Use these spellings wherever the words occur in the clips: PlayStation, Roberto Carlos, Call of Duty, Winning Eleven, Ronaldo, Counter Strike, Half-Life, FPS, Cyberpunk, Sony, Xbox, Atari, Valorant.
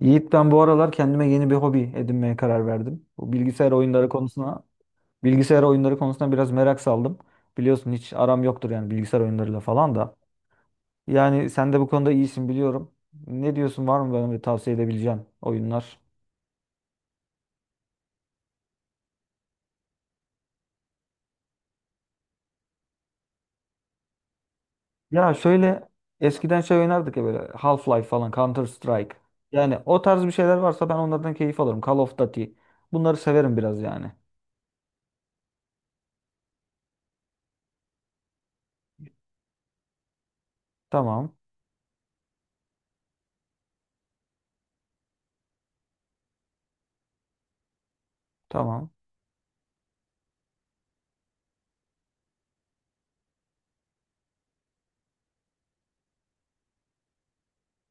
Yiğit, ben bu aralar kendime yeni bir hobi edinmeye karar verdim. Bu bilgisayar oyunları konusuna biraz merak saldım. Biliyorsun hiç aram yoktur, yani bilgisayar oyunlarıyla falan da. Yani sen de bu konuda iyisin, biliyorum. Ne diyorsun, var mı bana bir tavsiye edebileceğin oyunlar? Ya şöyle, eskiden şey oynardık ya, böyle Half-Life falan, Counter Strike. Yani o tarz bir şeyler varsa ben onlardan keyif alırım. Call of Duty. Bunları severim biraz yani. Tamam. Tamam.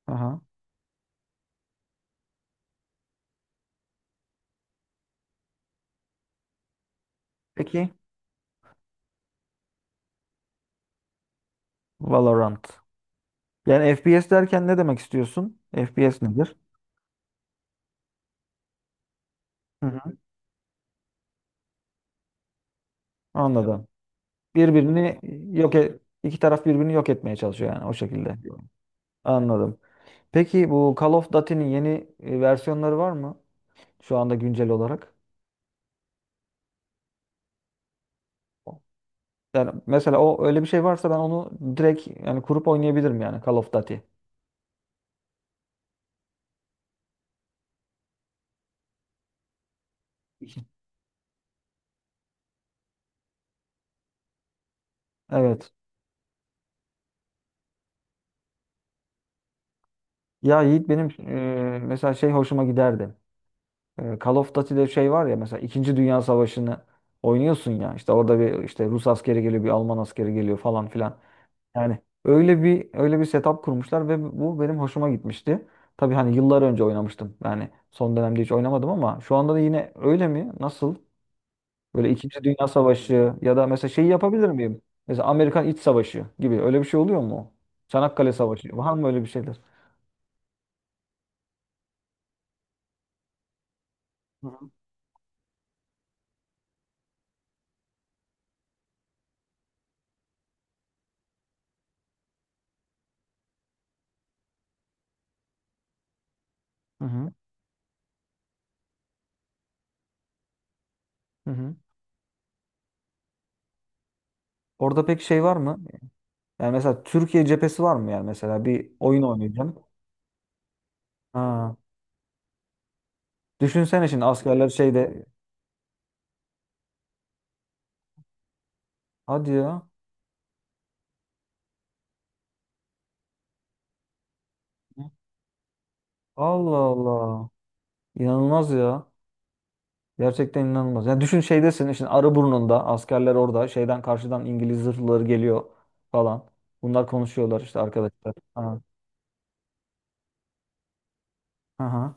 Aha. Peki. Valorant. Yani FPS derken ne demek istiyorsun? FPS nedir? Hı hı. Anladım. Birbirini yok e iki taraf birbirini yok etmeye çalışıyor, yani o şekilde. Anladım. Peki, bu Call of Duty'nin yeni versiyonları var mı, şu anda güncel olarak? Yani mesela o, öyle bir şey varsa ben onu direkt, yani kurup oynayabilirim, yani Call of Duty. Evet. Ya Yiğit, benim mesela şey hoşuma giderdi. Call of Duty'de şey var ya, mesela İkinci Dünya Savaşı'nı oynuyorsun ya, işte orada bir işte Rus askeri geliyor, bir Alman askeri geliyor falan filan. Yani öyle bir setup kurmuşlar ve bu benim hoşuma gitmişti. Tabii hani yıllar önce oynamıştım. Yani son dönemde hiç oynamadım ama şu anda da yine öyle mi? Nasıl? Böyle İkinci Dünya Savaşı, ya da mesela şeyi yapabilir miyim? Mesela Amerikan İç Savaşı gibi öyle bir şey oluyor mu? Çanakkale Savaşı var mı, öyle bir şeyler? Hı hı. Hı hı. Orada pek şey var mı? Yani mesela Türkiye cephesi var mı, yani mesela bir oyun oynayacağım. Ha. Düşünsene şimdi askerler şeyde, hadi ya. Allah Allah. İnanılmaz ya. Gerçekten inanılmaz. Yani düşün, şeydesin şimdi, Arıburnu'nda askerler orada, şeyden karşıdan İngiliz zırhlıları geliyor falan. Bunlar konuşuyorlar işte, arkadaşlar. Ha. Aha.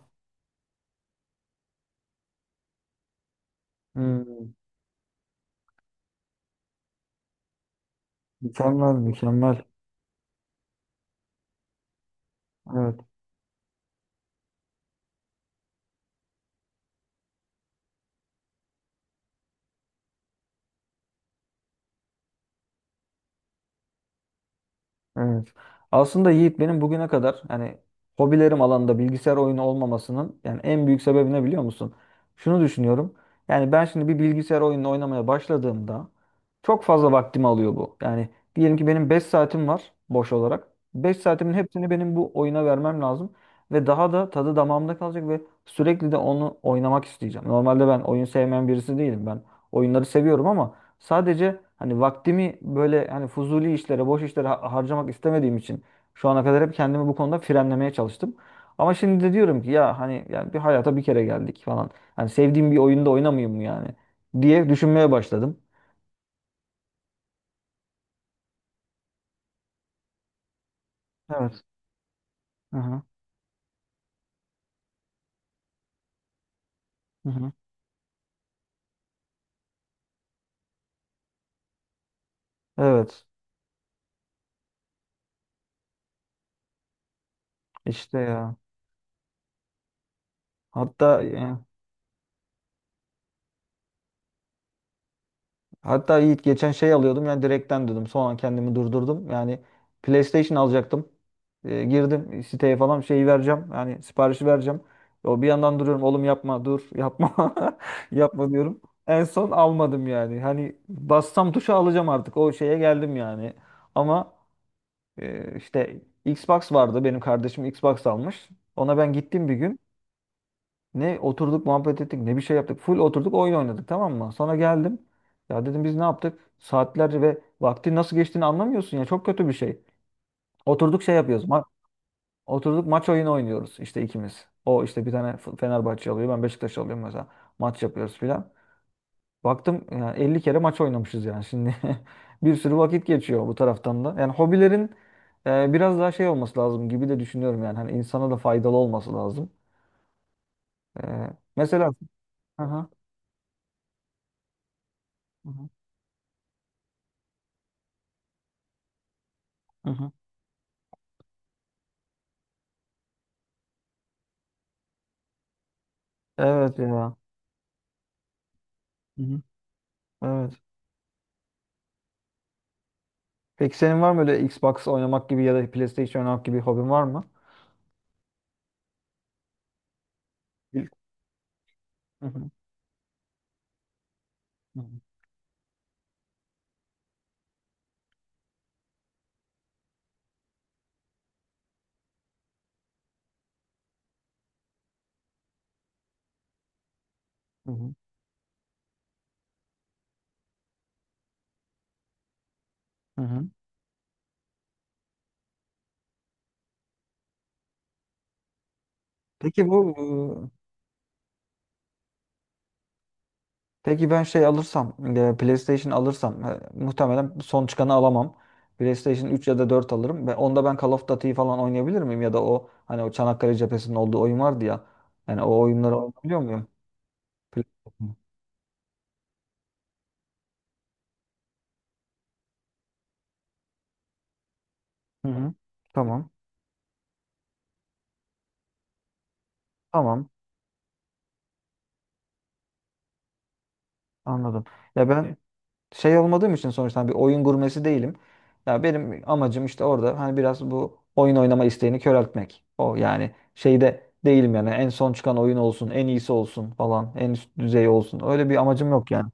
Hmm. Mükemmel, mükemmel. Evet. Evet. Aslında Yiğit, benim bugüne kadar, yani hobilerim alanında bilgisayar oyunu olmamasının yani en büyük sebebi ne, biliyor musun? Şunu düşünüyorum. Yani ben şimdi bir bilgisayar oyununu oynamaya başladığımda çok fazla vaktimi alıyor bu. Yani diyelim ki benim 5 saatim var boş olarak. 5 saatimin hepsini benim bu oyuna vermem lazım ve daha da tadı damağımda kalacak ve sürekli de onu oynamak isteyeceğim. Normalde ben oyun sevmeyen birisi değilim. Ben oyunları seviyorum ama sadece hani vaktimi böyle, hani fuzuli işlere, boş işlere harcamak istemediğim için şu ana kadar hep kendimi bu konuda frenlemeye çalıştım. Ama şimdi de diyorum ki, ya hani yani bir hayata bir kere geldik falan, hani sevdiğim bir oyunda oynamayayım mı, yani diye düşünmeye başladım. Evet. Hı hı. Evet. İşte ya. Hatta e, Hatta Yiğit, geçen şey alıyordum, yani direkten dedim. Sonra kendimi durdurdum. Yani PlayStation alacaktım. Girdim siteye falan, şeyi vereceğim, yani siparişi vereceğim. O bir yandan duruyorum. Oğlum, yapma, dur, yapma. Yapma diyorum. En son almadım yani. Hani bassam tuşa alacağım artık. O şeye geldim yani. Ama işte Xbox vardı. Benim kardeşim Xbox almış. Ona ben gittim bir gün. Ne oturduk muhabbet ettik, ne bir şey yaptık. Full oturduk oyun oynadık, tamam mı? Sonra geldim. Ya dedim, biz ne yaptık? Saatlerce, ve vakti nasıl geçtiğini anlamıyorsun ya. Çok kötü bir şey. Oturduk şey yapıyoruz. Oturduk maç oyunu oynuyoruz işte ikimiz. O işte bir tane Fenerbahçe alıyor. Ben Beşiktaş alıyorum mesela. Maç yapıyoruz filan. Baktım, yani 50 kere maç oynamışız yani şimdi. Bir sürü vakit geçiyor bu taraftan da. Yani hobilerin biraz daha şey olması lazım gibi de düşünüyorum yani. Hani insana da faydalı olması lazım. E, Mesela... Aha. Hı hı. Hı hı. Evet ya. Hı hı. Evet. Peki senin var mı öyle Xbox oynamak gibi, ya da PlayStation oynamak gibi hobin var mı? Bil- Hı hı. Hı hı. Hı hı. Hı hı. Peki bu peki, ben şey alırsam, PlayStation alırsam, muhtemelen son çıkanı alamam. PlayStation 3 ya da 4 alırım. Ve onda ben Call of Duty falan oynayabilir miyim? Ya da o, hani o Çanakkale cephesinin olduğu oyun vardı ya. Yani o oyunları oynayabiliyor muyum? Pl- Hı hı. Tamam. Tamam. Anladım. Ya ben şey olmadığım için, sonuçta bir oyun gurmesi değilim. Ya benim amacım işte orada, hani biraz bu oyun oynama isteğini köreltmek. O yani şeyde değilim yani, en son çıkan oyun olsun, en iyisi olsun falan, en üst düzey olsun. Öyle bir amacım yok yani.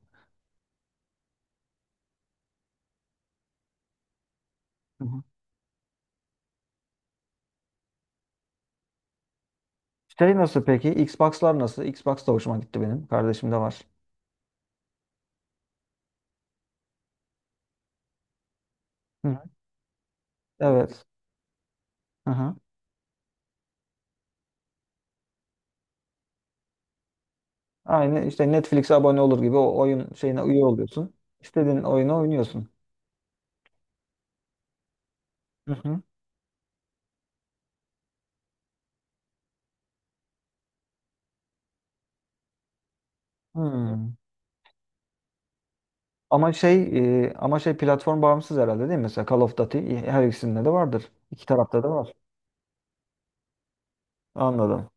Hı hı. Şey nasıl peki? Xbox'lar nasıl? Xbox da hoşuma gitti benim. Kardeşim de var. Hı hı. Evet. Hı hı. Aynı işte Netflix'e abone olur gibi o oyun şeyine üye oluyorsun. İstediğin oyunu oynuyorsun. Hı hı. Hmm. Ama şey ama şey platform bağımsız herhalde, değil mi? Mesela Call of Duty her ikisinde de vardır. İki tarafta da var. Anladım.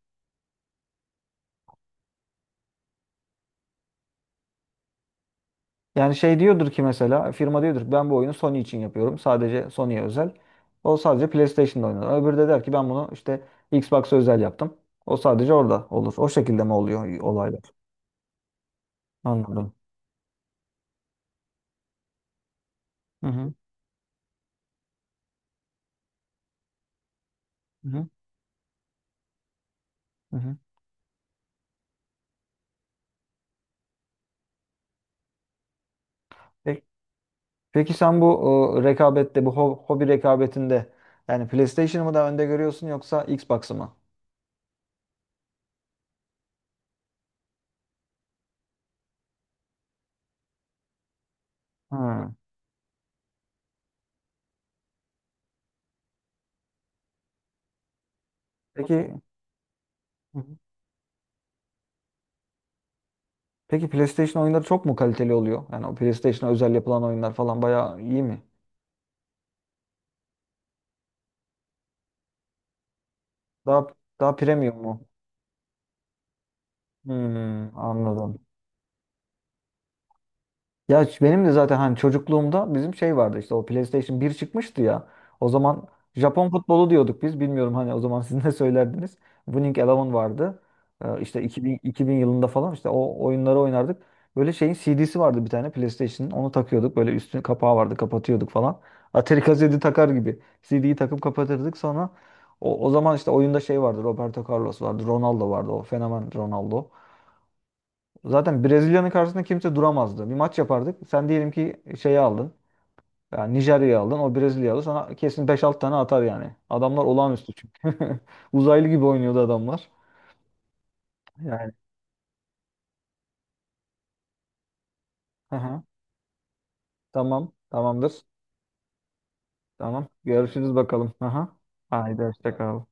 Yani şey diyordur ki, mesela firma diyordur ki ben bu oyunu Sony için yapıyorum, sadece Sony'ye özel. O sadece PlayStation'da oynar. Öbürü de der ki ben bunu işte Xbox'a özel yaptım. O sadece orada olur. O şekilde mi oluyor olaylar? Anladım. Hı hı. Hı hı. Hı hı. Peki, peki sen bu rekabette, bu hobi rekabetinde yani PlayStation'ı mı daha önde görüyorsun, yoksa Xbox'ı mı? Hı. Peki. Hı hı. Peki, PlayStation oyunları çok mu kaliteli oluyor? Yani o PlayStation'a özel yapılan oyunlar falan bayağı iyi mi? Daha daha premium mu? Hmm, anladım. Ya benim de zaten hani çocukluğumda bizim şey vardı, işte o PlayStation bir çıkmıştı ya. O zaman Japon futbolu diyorduk biz. Bilmiyorum hani, o zaman siz ne söylerdiniz. Winning Eleven vardı. İşte 2000 yılında falan işte o oyunları oynardık. Böyle şeyin CD'si vardı bir tane PlayStation'ın. Onu takıyorduk. Böyle üstüne kapağı vardı. Kapatıyorduk falan. Atari kaseti takar gibi. CD'yi takıp kapatırdık, sonra o zaman işte oyunda şey vardı. Roberto Carlos vardı. Ronaldo vardı. O fenomen Ronaldo. Zaten Brezilya'nın karşısında kimse duramazdı. Bir maç yapardık. Sen diyelim ki şeyi aldın, yani Nijerya'yı aldın. O Brezilya'yı aldı. Sana kesin beş 6 tane atar yani. Adamlar olağanüstü çünkü. Uzaylı gibi oynuyordu adamlar. Yani. Aha. Tamam. Tamamdır. Tamam. Görüşürüz bakalım. Aha. Haydi hoşça kal.